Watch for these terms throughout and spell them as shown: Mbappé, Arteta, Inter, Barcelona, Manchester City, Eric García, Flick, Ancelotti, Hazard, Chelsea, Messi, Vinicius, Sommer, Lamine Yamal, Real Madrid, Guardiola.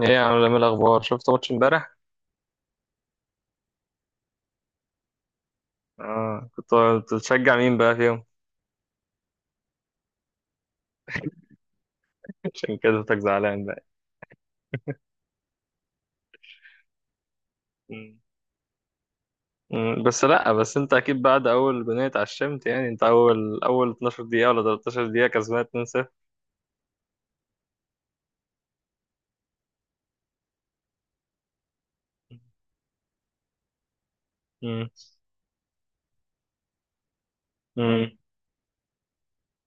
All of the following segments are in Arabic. ايه يا عم، إيه الاخبار؟ شفت ماتش امبارح؟ اه، كنت بتشجع مين بقى فيهم؟ عشان كده صوتك زعلان بقى. مم. مم، بس لا بس انت اكيد بعد اول بنية اتعشمت يعني انت اول 12 دقيقة ولا 13 دقيقة كسبان 2-0. مم. مم.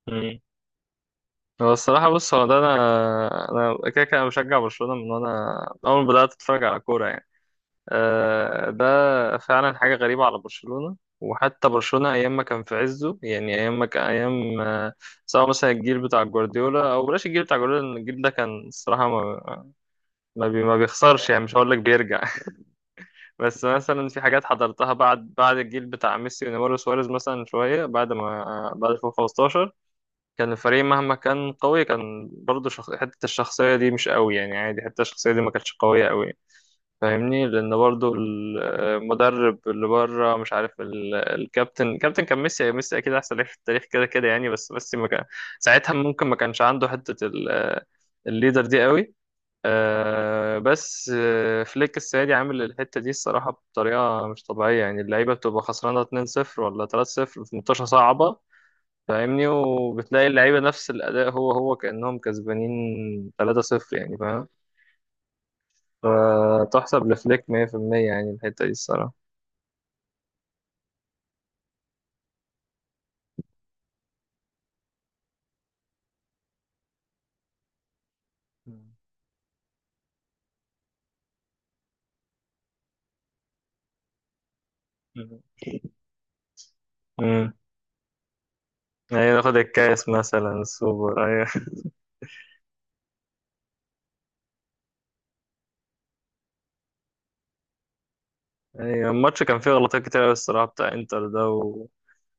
مم. هو الصراحة بص، هو ده انا كده كده أنا بشجع برشلونة من وانا اول ما بدأت اتفرج على كورة يعني. آه، ده فعلا حاجة غريبة على برشلونة. وحتى برشلونة أيام ما كان في عزه، يعني أيام ما كان أيام آه، سواء مثلا الجيل بتاع جوارديولا أو بلاش الجيل بتاع جوارديولا، لأن الجيل ده كان الصراحة ما بيخسرش، يعني مش هقول لك بيرجع. بس مثلا في حاجات حضرتها بعد الجيل بتاع ميسي ونيمار وسواريز، مثلا شوية بعد ما آه، بعد 2015 كان الفريق مهما كان قوي كان برضه شخ... حتة الشخصية دي مش قوي، يعني عادي، حتة الشخصية دي ما كانتش قوية قوي. فاهمني؟ لان برضو المدرب اللي بره مش عارف، الكابتن كان ميسي، ميسي اكيد احسن لعيب في التاريخ كده كده يعني، بس ميسي ما كان ساعتها ممكن ما كانش عنده حته الليدر دي قوي. آه، بس آه، فليك السنه دي عامل الحته دي الصراحه بطريقه مش طبيعيه، يعني اللعيبه بتبقى خسرانه 2-0 ولا 3-0 في منتشره صعبه، فاهمني؟ وبتلاقي اللعيبه نفس الاداء هو هو كانهم كسبانين 3-0 يعني. فتحسب لفليك 100% يعني الحتة دي الصراحة. مم. مم. أيوة، ناخد الكاس مثلا السوبر، أيوة. أيوة، الماتش كان فيه غلطات كتير أوي الصراحة بتاع إنتر ده و...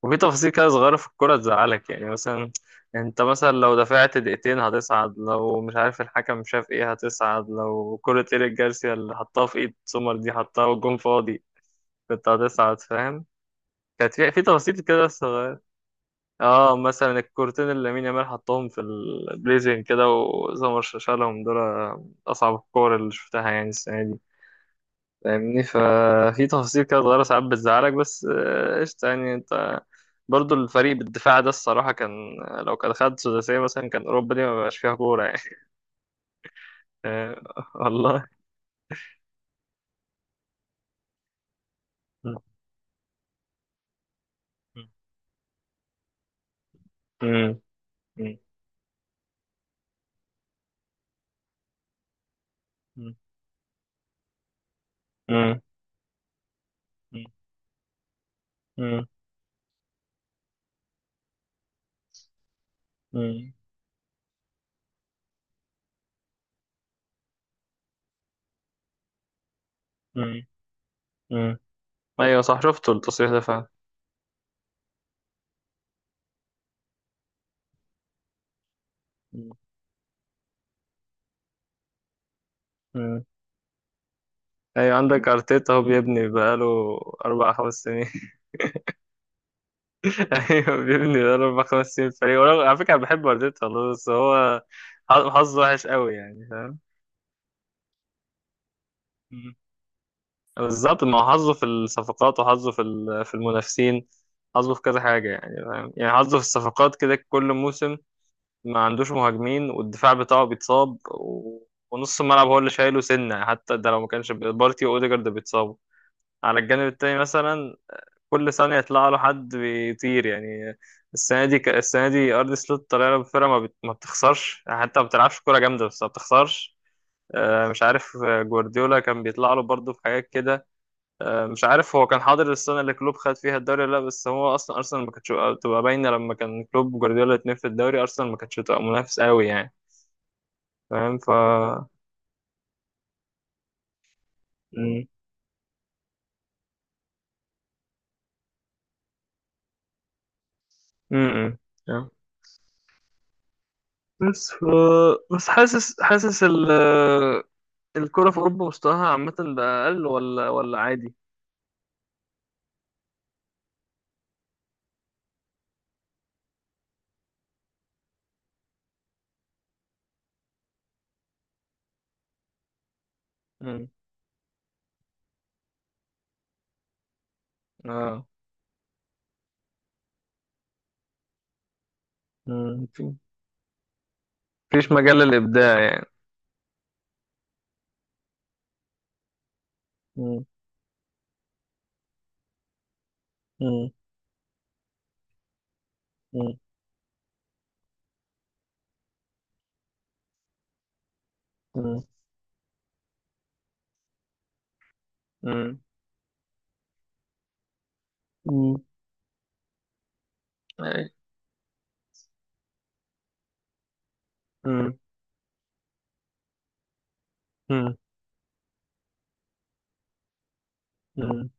وفي تفاصيل كده صغيرة في الكورة تزعلك، يعني مثلا أنت مثلا لو دفعت دقيقتين هتصعد، لو مش عارف الحكم شاف إيه هتصعد، لو كرة إيريك جارسيا اللي حطها في إيد سومر دي حطها والجون فاضي كنت هتصعد، فاهم؟ كانت في تفاصيل كده. اه مثلا الكورتين اللي لامين يامال حطهم في البليزنج كده وسمر شالهم دول اصعب الكور اللي شفتها يعني السنه دي، فاهمني؟ ففي تفاصيل كده صغيره ساعات بتزعلك، بس آه، قشطه يعني انت. برضو الفريق بالدفاع ده الصراحه كان، لو كان خد سداسيه مثلا كان اوروبا دي ما بقاش فيها كوره يعني. آه، والله. مم. مم. مم. مم. مم. مم. مم. مم. مم. ايوه صح، شفت التصريح ده فعلا. مم. ايوه، عندك ارتيتا هو بيبني بقاله اربع خمس سنين. ايوه بيبني بقاله اربع خمس سنين فريق. على فكره أنا بحب ارتيتا والله، بس هو حظه وحش قوي يعني، فاهم؟ مم. بالظبط، ما هو حظه في الصفقات، وحظه في المنافسين، حظه في كذا حاجه يعني، فاهم يعني؟ حظه في الصفقات كده كل موسم ما عندوش مهاجمين، والدفاع بتاعه بيتصاب و... ونص الملعب هو اللي شايله سنه، حتى ده لو ما كانش بارتي واوديجارد بيتصابوا على الجانب التاني مثلا كل ثانية يطلع له حد بيطير يعني. السنة دي أرض سلوت طالع له بفرقة ما بتخسرش، يعني حتى ما بتلعبش كورة جامدة بس ما بتخسرش. آه، مش عارف آه، جوارديولا كان بيطلع له برضه في حاجات كده. آه، مش عارف هو كان حاضر السنة اللي كلوب خد فيها الدوري ولا لا، بس هو أصلا أرسنال ما كانتش تبقى باينة، لما كان كلوب وجوارديولا الاتنين في الدوري أرسنال ما كانتش تبقى منافس قوي يعني، فاهم؟ م- م- م. بس ف... بس حاسس، حاسس ال الكرة في أوروبا مستواها عامة بقى أقل ولا ولا عادي؟ مم. اه. مم. مفيش مجال للإبداع يعني. مم. مم. مم. مم. مم. مم. أي. مم. مم. مم.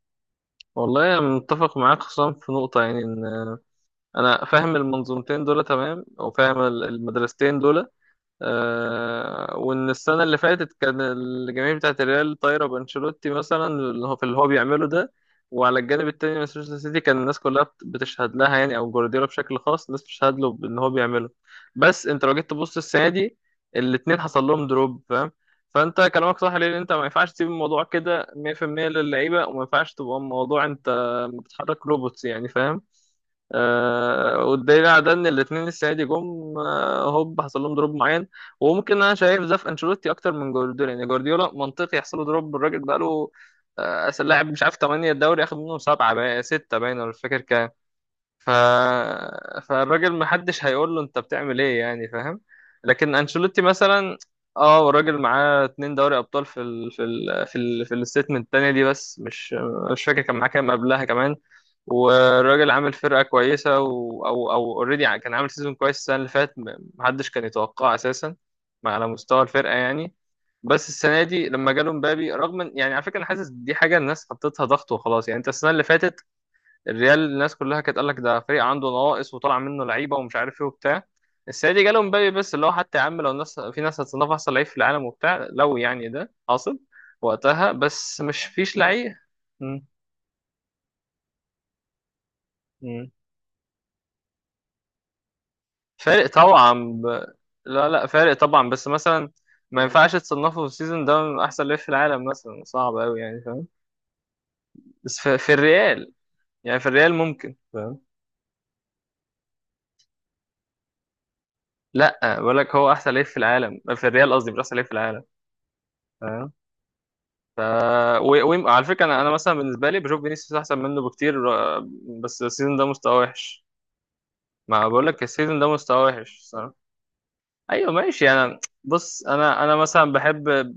والله أنا متفق معاك، خصوصا في نقطة يعني إن أنا فاهم المنظومتين دول تمام، أو فاهم المدرستين دول. آه، وان السنه اللي فاتت كان الجماهير بتاعه الريال طايره بانشيلوتي مثلا، اللي هو في اللي هو بيعمله ده. وعلى الجانب التاني مانشستر سيتي كان الناس كلها بتشهد لها يعني، او جوارديولا بشكل خاص الناس بتشهد له بان هو بيعمله. بس انت لو جيت تبص السنه دي الاتنين حصل لهم دروب، فاهم؟ فانت كلامك صح، ليه؟ انت ما ينفعش تسيب الموضوع كده 100% للعيبه، وما ينفعش تبقى الموضوع انت بتحرك روبوتس يعني، فاهم؟ آه، والدليل على ده ان الاثنين السنه دي جم آه، هوب حصل لهم دروب معين. وممكن انا شايف ده في انشيلوتي اكتر من جوارديولا، يعني جوارديولا منطقي يحصل له دروب، الراجل بقى له آه، اصل لاعب مش عارف 8 الدوري، اخد منهم 7، بقى 6 باين، ولا مش فاكر. ف... فالراجل محدش هيقول له انت بتعمل ايه يعني، فاهم؟ لكن انشيلوتي مثلا اه، والراجل معاه اتنين دوري ابطال في الستمنت التانية دي، بس مش فاكر كان معاه كام قبلها كمان. والراجل عامل فرقة كويسة و... او او اوريدي كان عامل سيزون كويس السنة اللي فاتت، محدش كان يتوقعه اساسا على مستوى الفرقة يعني. بس السنة دي لما جاله مبابي، رغم يعني على فكرة انا حاسس دي حاجة الناس حطيتها ضغط وخلاص، يعني انت السنة اللي فاتت الريال الناس كلها كانت قال لك ده فريق عنده نواقص وطلع منه لعيبه ومش عارف ايه وبتاع. السنه دي جاله مبابي، بس اللي هو حتى يا عم لو الناس، في ناس هتصنف احسن لعيب في العالم وبتاع، لو يعني ده حاصل وقتها، بس مش فيش لعيب. مم. مم. فارق طبعا. ب... لا لا، فارق طبعا، بس مثلا ما ينفعش تصنفه في السيزون ده من احسن لعيب في العالم مثلا، صعب قوي يعني، فاهم؟ بس في الريال، يعني في الريال ممكن، فاهم؟ لا بقول لك هو احسن لعيب في العالم في الريال، قصدي مش احسن لعيب في العالم، فاهم؟ ف... على فكره انا مثلا بالنسبه لي بشوف فينيسيوس احسن منه بكتير. آه، بس السيزون ده مستواه وحش. ما بقول لك السيزون ده مستواه وحش صراحه. ايوه ماشي. انا بص انا انا مثلا بحب،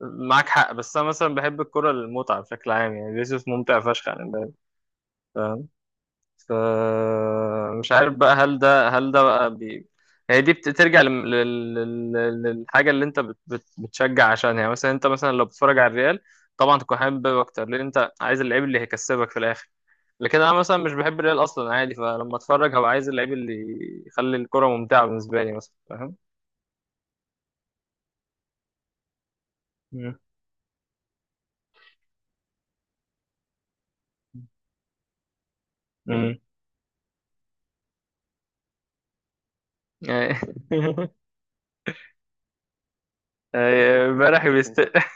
معاك حق، بس انا مثلا بحب الكره المتعه بشكل عام يعني، فينيسيوس ممتع فشخ يعني. فمش عارف بقى، هل ده بقى هي دي بترجع للحاجة اللي انت بتشجع عشانها، يعني مثلا انت مثلا لو بتتفرج على الريال طبعا تكون حابب بيب اكتر لان انت عايز اللعيب اللي هيكسبك في الاخر، لكن انا مثلا مش بحب الريال اصلا عادي، فلما اتفرج هبقى عايز اللعيب اللي يخلي الكرة ممتعة بالنسبة لي مثلا، فاهم؟ مم. امم. آه، امبارح بيست.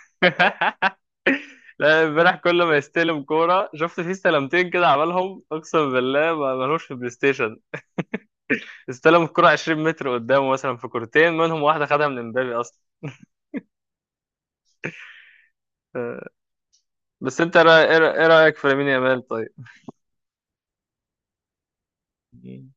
لا، امبارح كل ما يستلم كورة شفت فيه استلمتين كده عملهم، اقسم بالله ما ملوش في البلاي ستيشن. استلم الكورة 20 متر قدامه مثلا، في كورتين منهم واحدة خدها من امبابي اصلا. آه، بس انت إيه رأيك في لامين يامال طيب؟ مم.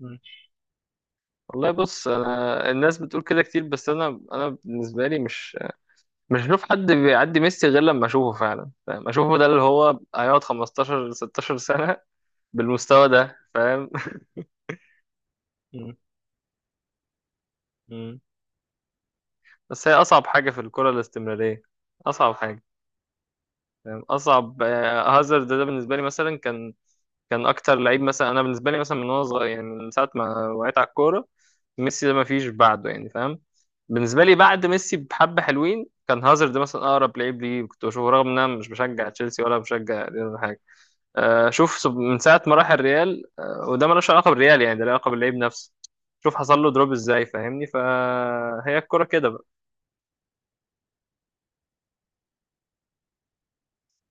مم. والله بص، انا الناس بتقول كده كتير، بس انا بالنسبه لي مش، مش بشوف حد بيعدي ميسي غير لما اشوفه فعلا، فاهم؟ اشوفه ده اللي هو هيقعد 15 16 سنه بالمستوى ده، فاهم؟ مم. مم. بس هي اصعب حاجه في الكره الاستمراريه، اصعب حاجه. فاهم؟ اصعب آه، هازارد ده بالنسبه لي مثلا كان كان اكتر لعيب مثلا انا بالنسبه لي مثلا من وانا صغير، يعني من ساعه ما وقعت على الكوره ميسي ده ما فيش بعده يعني، فاهم؟ بالنسبه لي بعد ميسي بحبه حلوين كان هازارد مثلا اقرب لعيب ليه كنت بشوفه، رغم ان انا مش بشجع تشيلسي ولا بشجع ريال ولا حاجه. آه، شوف من ساعه ما راح الريال آه، وده ملوش علاقه بالريال يعني، ده له علاقه باللعيب نفسه. شوف حصل له دروب ازاي، فاهمني؟ فهي الكرة كده بقى.